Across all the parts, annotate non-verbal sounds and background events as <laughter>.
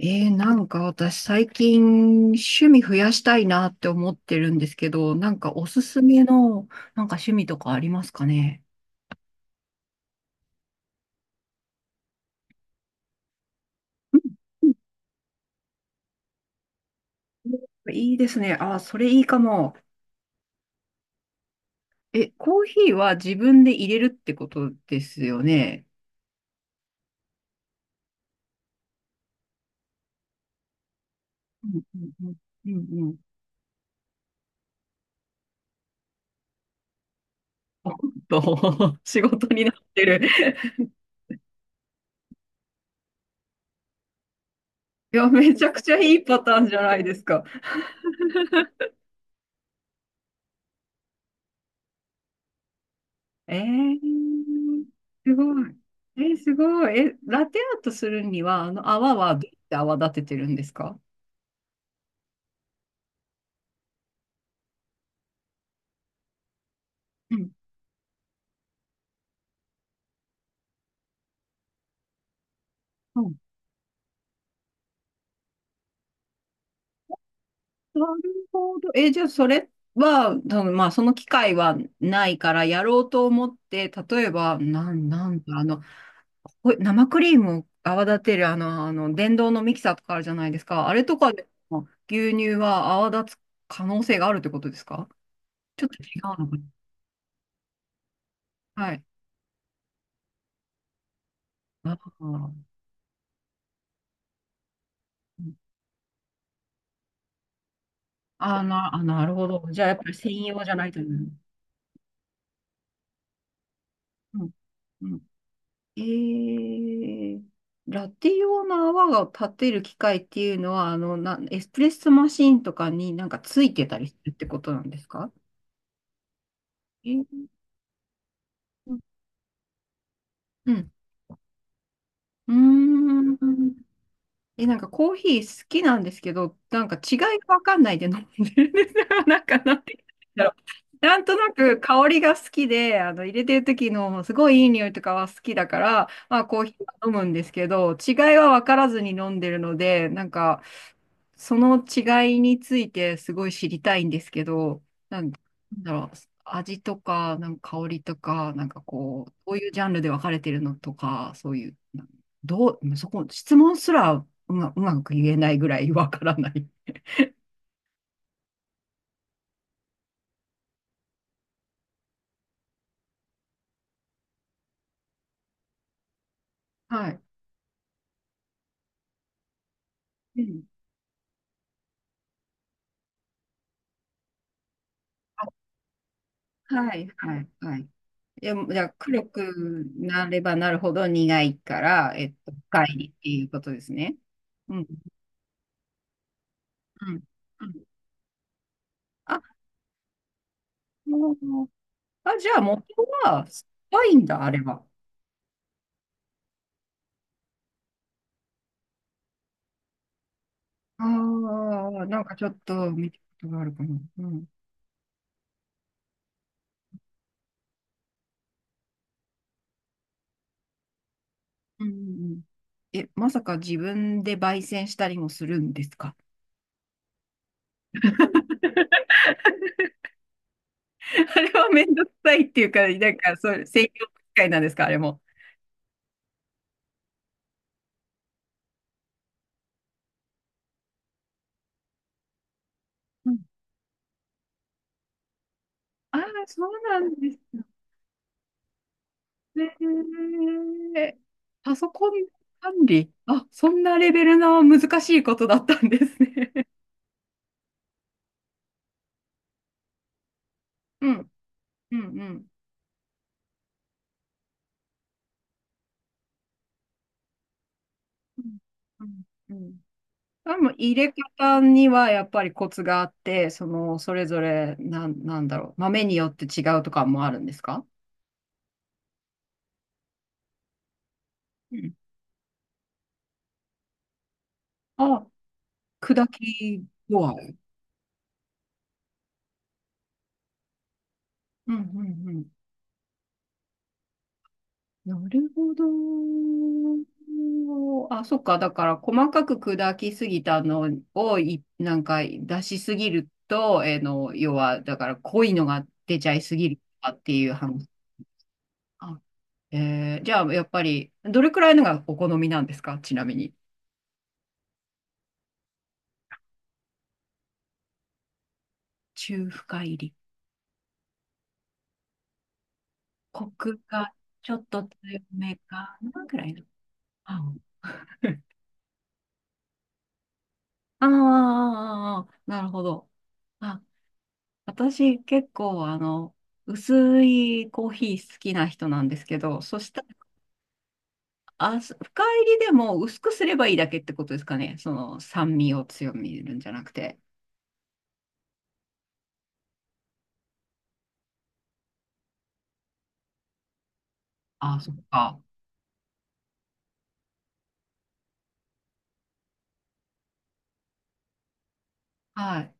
なんか私最近趣味増やしたいなって思ってるんですけど、なんかおすすめのなんか趣味とかありますかね？うん、うん、いいですね。あ、それいいかも。え、コーヒーは自分で入れるってことですよね。うん、うん、うん、うん、うん。おっと、<laughs> 仕事になってる。<laughs> いや、めちゃくちゃいいパターンじゃないですか。えー、すごい。えー、すごい。え、ラテアートするには、あの泡はどうやって泡立ててるんですか？うん。うん。なるほど。じゃあ、それは、多分まあ、その機会はないから、やろうと思って、例えば、なんだ、ほい生クリームを泡立てる、電動のミキサーとかあるじゃないですか。あれとかでも、牛乳は泡立つ可能性があるってことですか？ちょっと違うのかな。はい。ああ。あーな、あ、なるほど。じゃあ、やっぱり専用じゃないという。うん。うん。えー、ラテ用の泡を立てる機械っていうのは、エスプレッソマシンとかになんかついてたりするってことなんですか？えー。うん。うーん。え、なんかコーヒー好きなんですけど、なんか違いがわかんないで飲んでるんですよ。<laughs> なんか、なんて言うんだろう。なんとなく香りが好きで、入れてる時のすごいいい匂いとかは好きだから、まあコーヒーは飲むんですけど、違いはわからずに飲んでるので、なんか、その違いについてすごい知りたいんですけど、なんだろう、味とか、なんか香りとか、なんかこう、こういうジャンルで分かれてるのとか、そういう、どう、そこ、質問すらうまく言えないぐらいわからない。はい。うん。あ、はい、はい、はい。いや、じゃあ黒くなればなるほど苦いから、深いっていうことですね。うん、うん、うん。あ、もうあ、じゃあ元は酸っぱいんだ、あれは。ああ、なんかちょっと見たことがあるかな。うん。うん、うん、うん。え、まさか自分で焙煎したりもするんですか？ <laughs> あれはめんどくさいっていうか、なんか、そう、専用機械なんですか、あれも。うん。ああ、そうなんですね。えーパソコン管理。あ、そんなレベルの難しいことだったんですね。<laughs> うん、うん、うん。うん、うん。うん。多分入れ方にはやっぱりコツがあって、その、それぞれ、なんだろう、豆によって違うとかもあるんですか？うん。あ、砕き具合。うん、うん、うん。なるほど。あ、そっか。だから、細かく砕きすぎたのをい、なんか出しすぎると、えーの、要は、だから濃いのが出ちゃいすぎるとかっていう話。あ、じゃあ、やっぱり、どれくらいのがお好みなんですか、ちなみに。中深入り。コクがちょっと強めかなぐらいの。あ。 <laughs> あー、なるほど。あ、私結構薄いコーヒー好きな人なんですけど、そしたら、あ、深入りでも薄くすればいいだけってことですかね。その酸味を強めるんじゃなくて。あ、そっか。はい。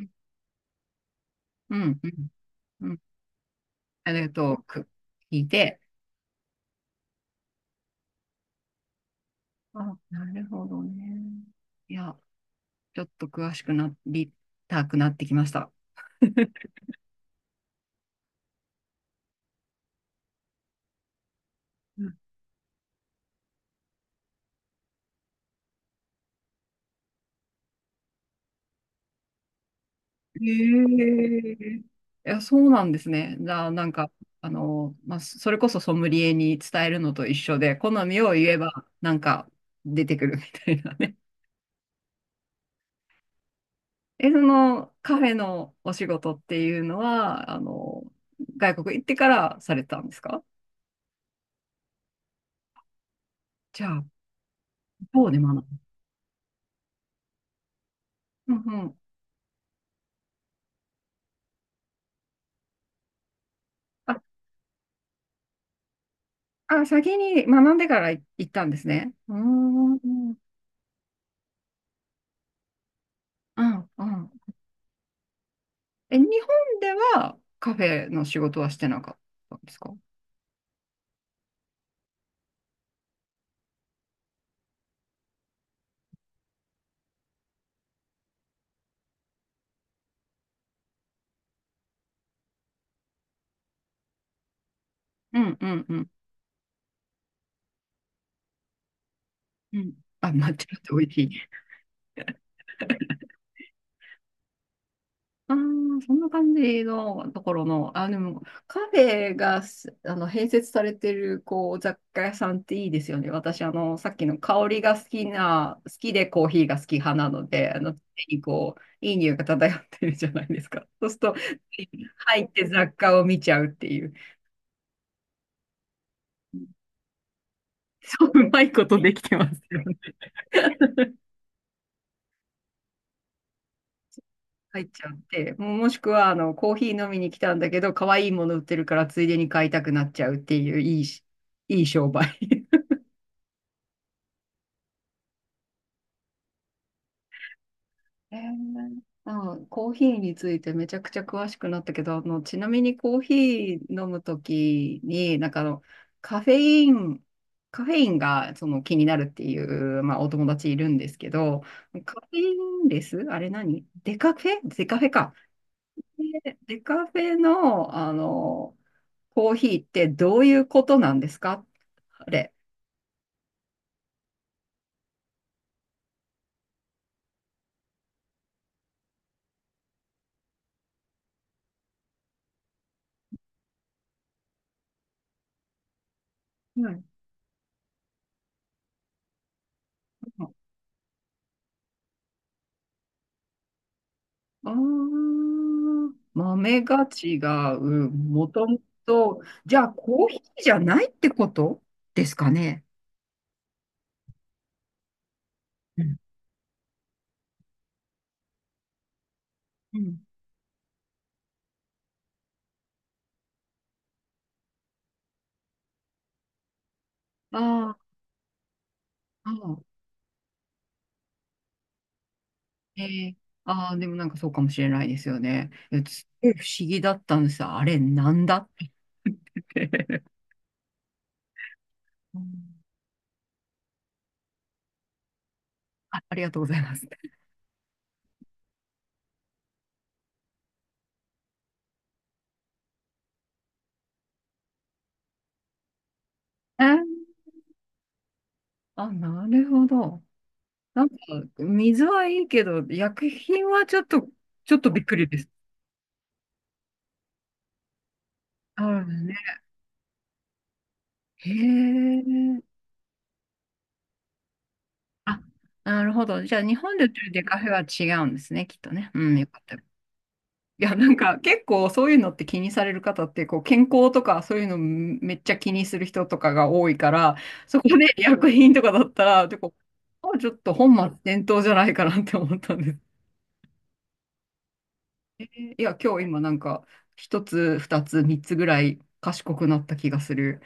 うん、うん、うん。ありがとう。聞いて。あ、なるほどね。いや、ちょっと詳しくなりたくなってきました。<laughs> へえ。いや、そうなんですね。じゃあ、なんか、まあ、それこそソムリエに伝えるのと一緒で、好みを言えば、なんか出てくるみたいなね。<laughs> え、そのカフェのお仕事っていうのは、外国行ってからされたんですか？じゃあ、そうで学ぶ。うん、うん。あ、あ、先に学んでから行ったんですね。うーん、うん、うん。え、日本ではカフェの仕事はしてなかったんですか？うん、うん、うん。うん。あ、抹茶って美味しい。ああ、そんな感じのところの、あ、でもカフェがすあの併設されてるこう雑貨屋さんっていいですよね。私、さっきの香りが好きでコーヒーが好き派なので、常にこう、いい匂いが漂ってるじゃないですか。そうすると、入って雑貨を見ちゃうっていう。<laughs> そう、うまいことできてますよね。入っちゃって、もしくはコーヒー飲みに来たんだけど、可愛いもの売ってるからついでに買いたくなっちゃうっていういいし、いい商売。<laughs> あ、コーヒーについてめちゃくちゃ詳しくなったけど、あのちなみにコーヒー飲むときに、なんかカフェイン、カフェインがその気になるっていう、まあ、お友達いるんですけど、カフェインレスあれ何デカフェ、デカフェか。でデカフェの、コーヒーってどういうことなんですか、あれ。はい。ああ、豆が違う。もともと、じゃあコーヒーじゃないってことですかね。うん、うん、あー、あー、ああ、え、ああー、でもなんかそうかもしれないですよね。えすごい不思議だったんですよ。あれ、なんだって。 <laughs> うん、あ、ありがとうございます。えーあ、なるほど。なんか、水はいいけど、薬品はちょっと、ちょっとびっくりです。そうですね。へえ。あ、なるほど。じゃあ、日本で売ってるデカフェは違うんですね、きっとね。うん、よかった。いや、なんか、結構そういうのって気にされる方って、こう、健康とかそういうのめっちゃ気にする人とかが多いから、そこで薬品とかだったら、結構、あ、ちょっと本末転倒じゃないかなって思ったんです。いや、今日今なんか、一つ、二つ、三つぐらい賢くなった気がする。